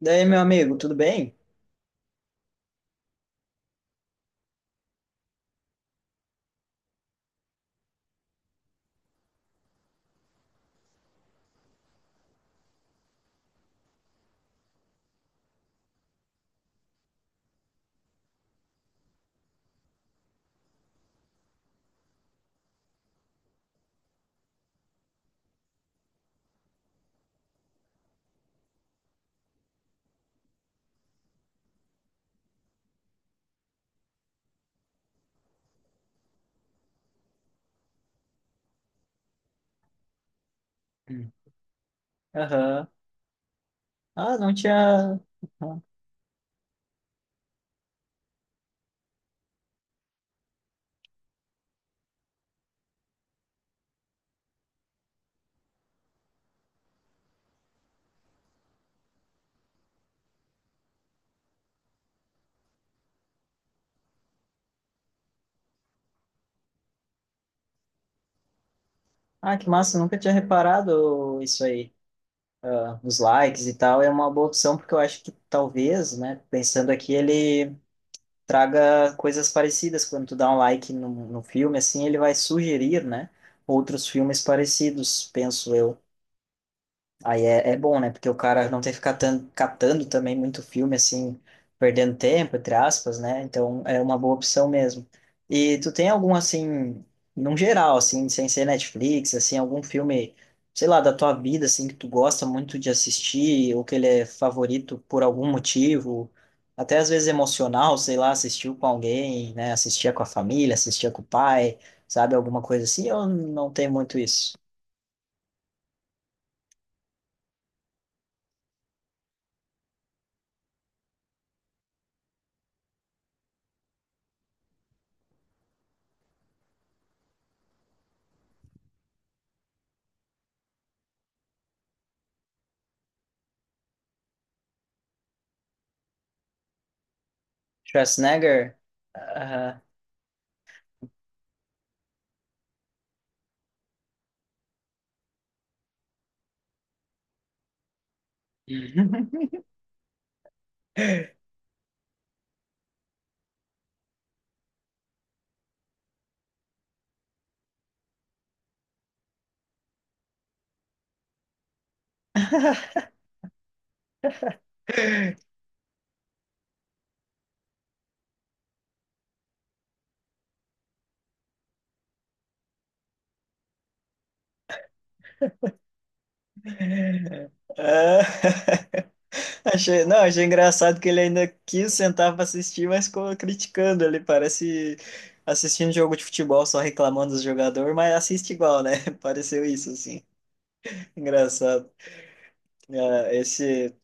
Daí, meu amigo, tudo bem? Hum. Aham. Ah, não tinha. Aham. Ah, que massa, nunca tinha reparado isso aí. Ah, os likes e tal é uma boa opção, porque eu acho que talvez, né, pensando aqui, ele traga coisas parecidas. Quando tu dá um like no filme, assim, ele vai sugerir, né, outros filmes parecidos, penso eu. Aí é bom, né? Porque o cara não tem que ficar catando também muito filme, assim, perdendo tempo, entre aspas, né? Então é uma boa opção mesmo. E tu tem algum, assim, num geral, assim, sem ser Netflix, assim, algum filme, sei lá, da tua vida, assim, que tu gosta muito de assistir, ou que ele é favorito por algum motivo, até às vezes emocional, sei lá, assistiu com alguém, né? Assistia com a família, assistia com o pai, sabe? Alguma coisa assim, ou não tem muito isso? Schwarzenegger. ah, Ah. Achei, não, achei engraçado que ele ainda quis sentar pra assistir, mas ficou criticando ali, parece assistindo jogo de futebol, só reclamando dos jogadores, mas assiste igual, né? Pareceu isso, assim. Engraçado. Ah, esse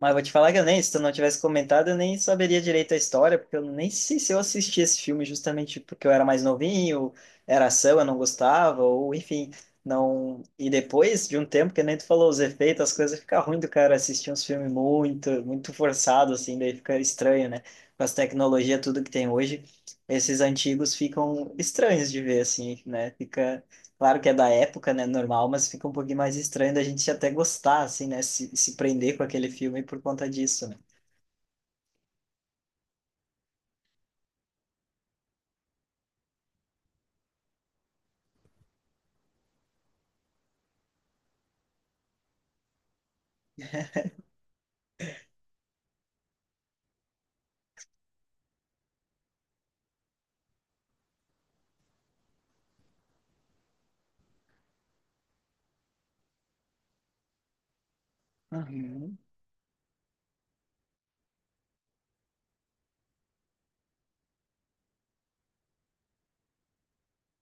Mas vou te falar que eu nem, se tu não tivesse comentado, eu nem saberia direito a história, porque eu nem sei se eu assisti esse filme justamente porque eu era mais novinho, era ação, eu não gostava, ou enfim, não. E depois de um tempo, que nem tu falou, os efeitos, as coisas ficam ruim do cara assistir uns filmes muito, muito forçados, assim, daí fica estranho, né? Com as tecnologias, tudo que tem hoje, esses antigos ficam estranhos de ver, assim, né? Fica claro que é da época, né? Normal, mas fica um pouquinho mais estranho da gente até gostar, assim, né? Se prender com aquele filme por conta disso, né? Uhum,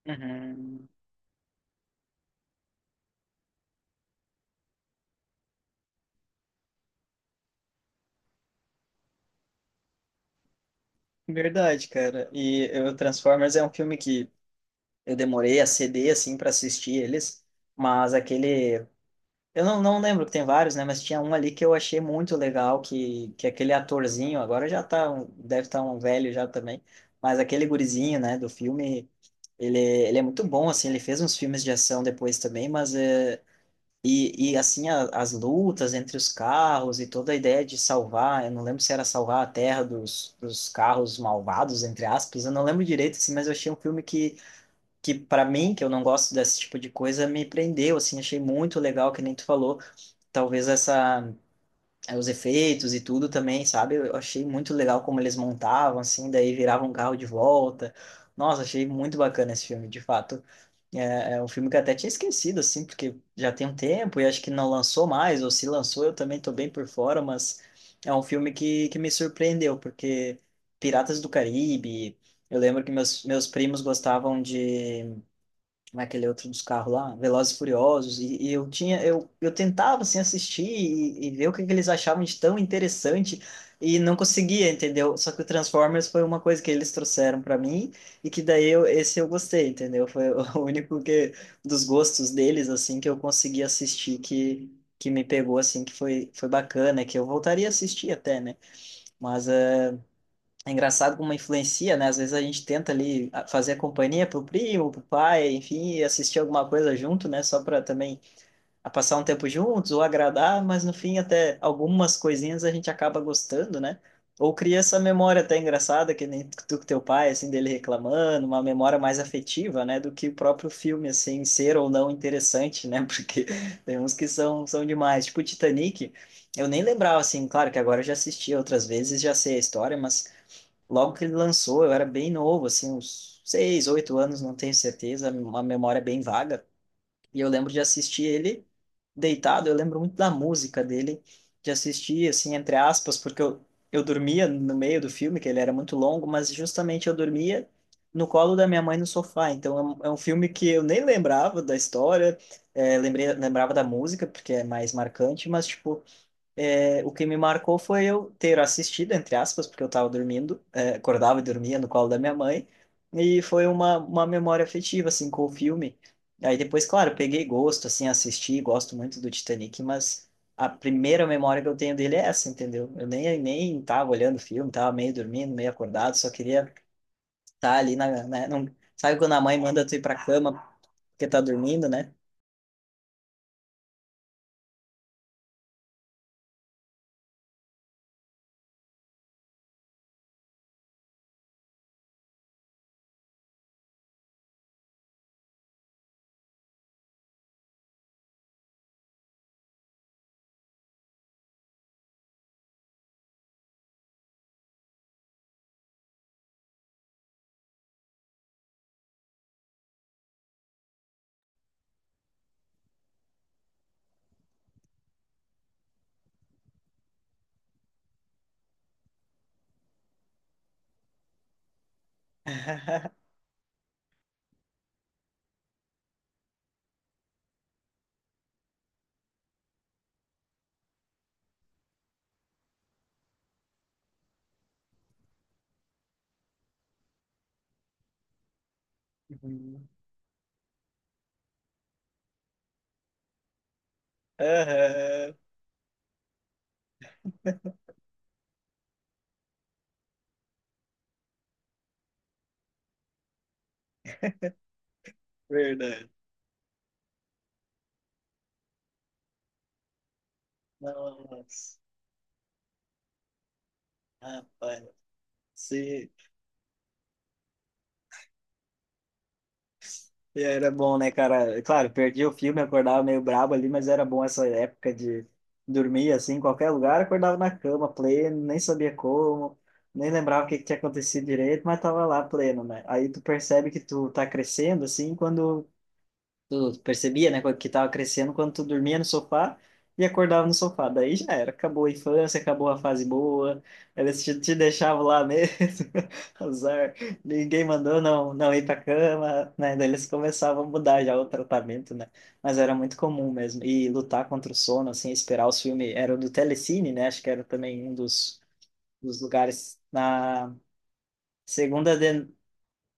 uhum. Verdade, cara. E o Transformers é um filme que eu demorei a ceder, assim, para assistir eles, mas aquele. Eu não lembro que tem vários, né? Mas tinha um ali que eu achei muito legal, que aquele atorzinho, agora já tá, deve estar um velho já também, mas aquele gurizinho, né, do filme. Ele é muito bom, assim, ele fez uns filmes de ação depois também, mas e assim, as lutas entre os carros e toda a ideia de salvar, eu não lembro se era salvar a terra dos carros malvados, entre aspas, eu não lembro direito, assim, mas eu achei um filme que para mim, que eu não gosto desse tipo de coisa, me prendeu, assim, achei muito legal, que nem tu falou, talvez essa, os efeitos e tudo também, sabe? Eu achei muito legal como eles montavam, assim, daí viravam um carro de volta. Nossa, achei muito bacana esse filme, de fato. É um filme que eu até tinha esquecido, assim, porque já tem um tempo e acho que não lançou mais, ou se lançou eu também tô bem por fora, mas é um filme que me surpreendeu, porque Piratas do Caribe, eu lembro que meus primos gostavam de como é aquele outro dos carros lá, Velozes e Furiosos, e eu tentava assim assistir e ver o que, que eles achavam de tão interessante e não conseguia, entendeu? Só que o Transformers foi uma coisa que eles trouxeram para mim e que daí eu, esse eu gostei, entendeu? Foi o único que dos gostos deles assim que eu consegui assistir que me pegou assim, que foi bacana, que eu voltaria a assistir até, né? Mas é engraçado como influencia, né? Às vezes a gente tenta ali fazer a companhia pro primo, pro pai, enfim, e assistir alguma coisa junto, né? Só para também a passar um tempo juntos ou agradar, mas no fim até algumas coisinhas a gente acaba gostando, né? Ou cria essa memória até engraçada, que nem tu com teu pai, assim, dele reclamando, uma memória mais afetiva, né? Do que o próprio filme, assim, ser ou não interessante, né? Porque tem uns que são, são demais. Tipo Titanic, eu nem lembrava, assim, claro que agora eu já assisti outras vezes, já sei a história, mas logo que ele lançou, eu era bem novo, assim, uns 6, 8 anos, não tenho certeza, uma memória bem vaga. E eu lembro de assistir ele deitado, eu lembro muito da música dele, de assistir, assim, entre aspas, porque eu dormia no meio do filme, que ele era muito longo, mas justamente eu dormia no colo da minha mãe no sofá. Então é um filme que eu nem lembrava da história, lembrei, lembrava da música, porque é mais marcante, mas, tipo, é, o que me marcou foi eu ter assistido, entre aspas, porque eu estava dormindo, é, acordava e dormia no colo da minha mãe, e foi uma memória afetiva, assim, com o filme. Aí depois, claro, peguei gosto, assim, assisti, gosto muito do Titanic, mas a primeira memória que eu tenho dele é essa, entendeu? Eu nem tava olhando o filme, tava meio dormindo, meio acordado, só queria estar tá ali na, né, não, sabe quando a mãe manda tu ir pra cama porque tá dormindo, né? Uhum. Aham, verdade. Nossa. Rapaz, se... e era bom, né, cara? Claro, perdi o filme, acordava meio brabo ali, mas era bom essa época de dormir assim, em qualquer lugar, acordava na cama, pleno, nem sabia como, nem lembrava o que que tinha acontecido direito, mas tava lá pleno, né? Aí tu percebe que tu tá crescendo, assim, quando. Tu percebia, né, que tava crescendo quando tu dormia no sofá e acordava no sofá. Daí já era, acabou a infância, acabou a fase boa, eles te deixavam lá mesmo, azar, ninguém mandou não, não ir pra cama, né? Daí eles começavam a mudar já o tratamento, né? Mas era muito comum mesmo. E lutar contra o sono, assim, esperar os filmes, era o do Telecine, né? Acho que era também um dos lugares na segunda.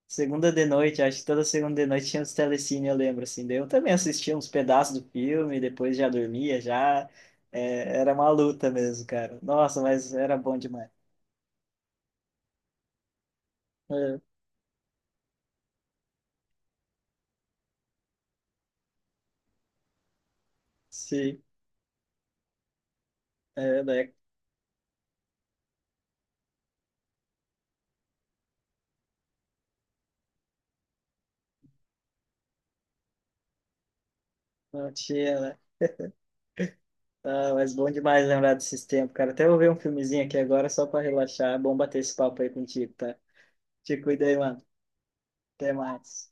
Segunda de noite, acho que toda segunda de noite tinha os telecine, eu lembro, assim. Daí eu também assistia uns pedaços do filme, depois já dormia, já. É, era uma luta mesmo, cara. Nossa, mas era bom demais. É, sim, é, né? Não tinha, né? Ah, mas bom demais lembrar desses tempos, cara. Até vou ver um filmezinho aqui agora só pra relaxar. É bom bater esse papo aí contigo, tá? Te cuida aí, mano. Até mais.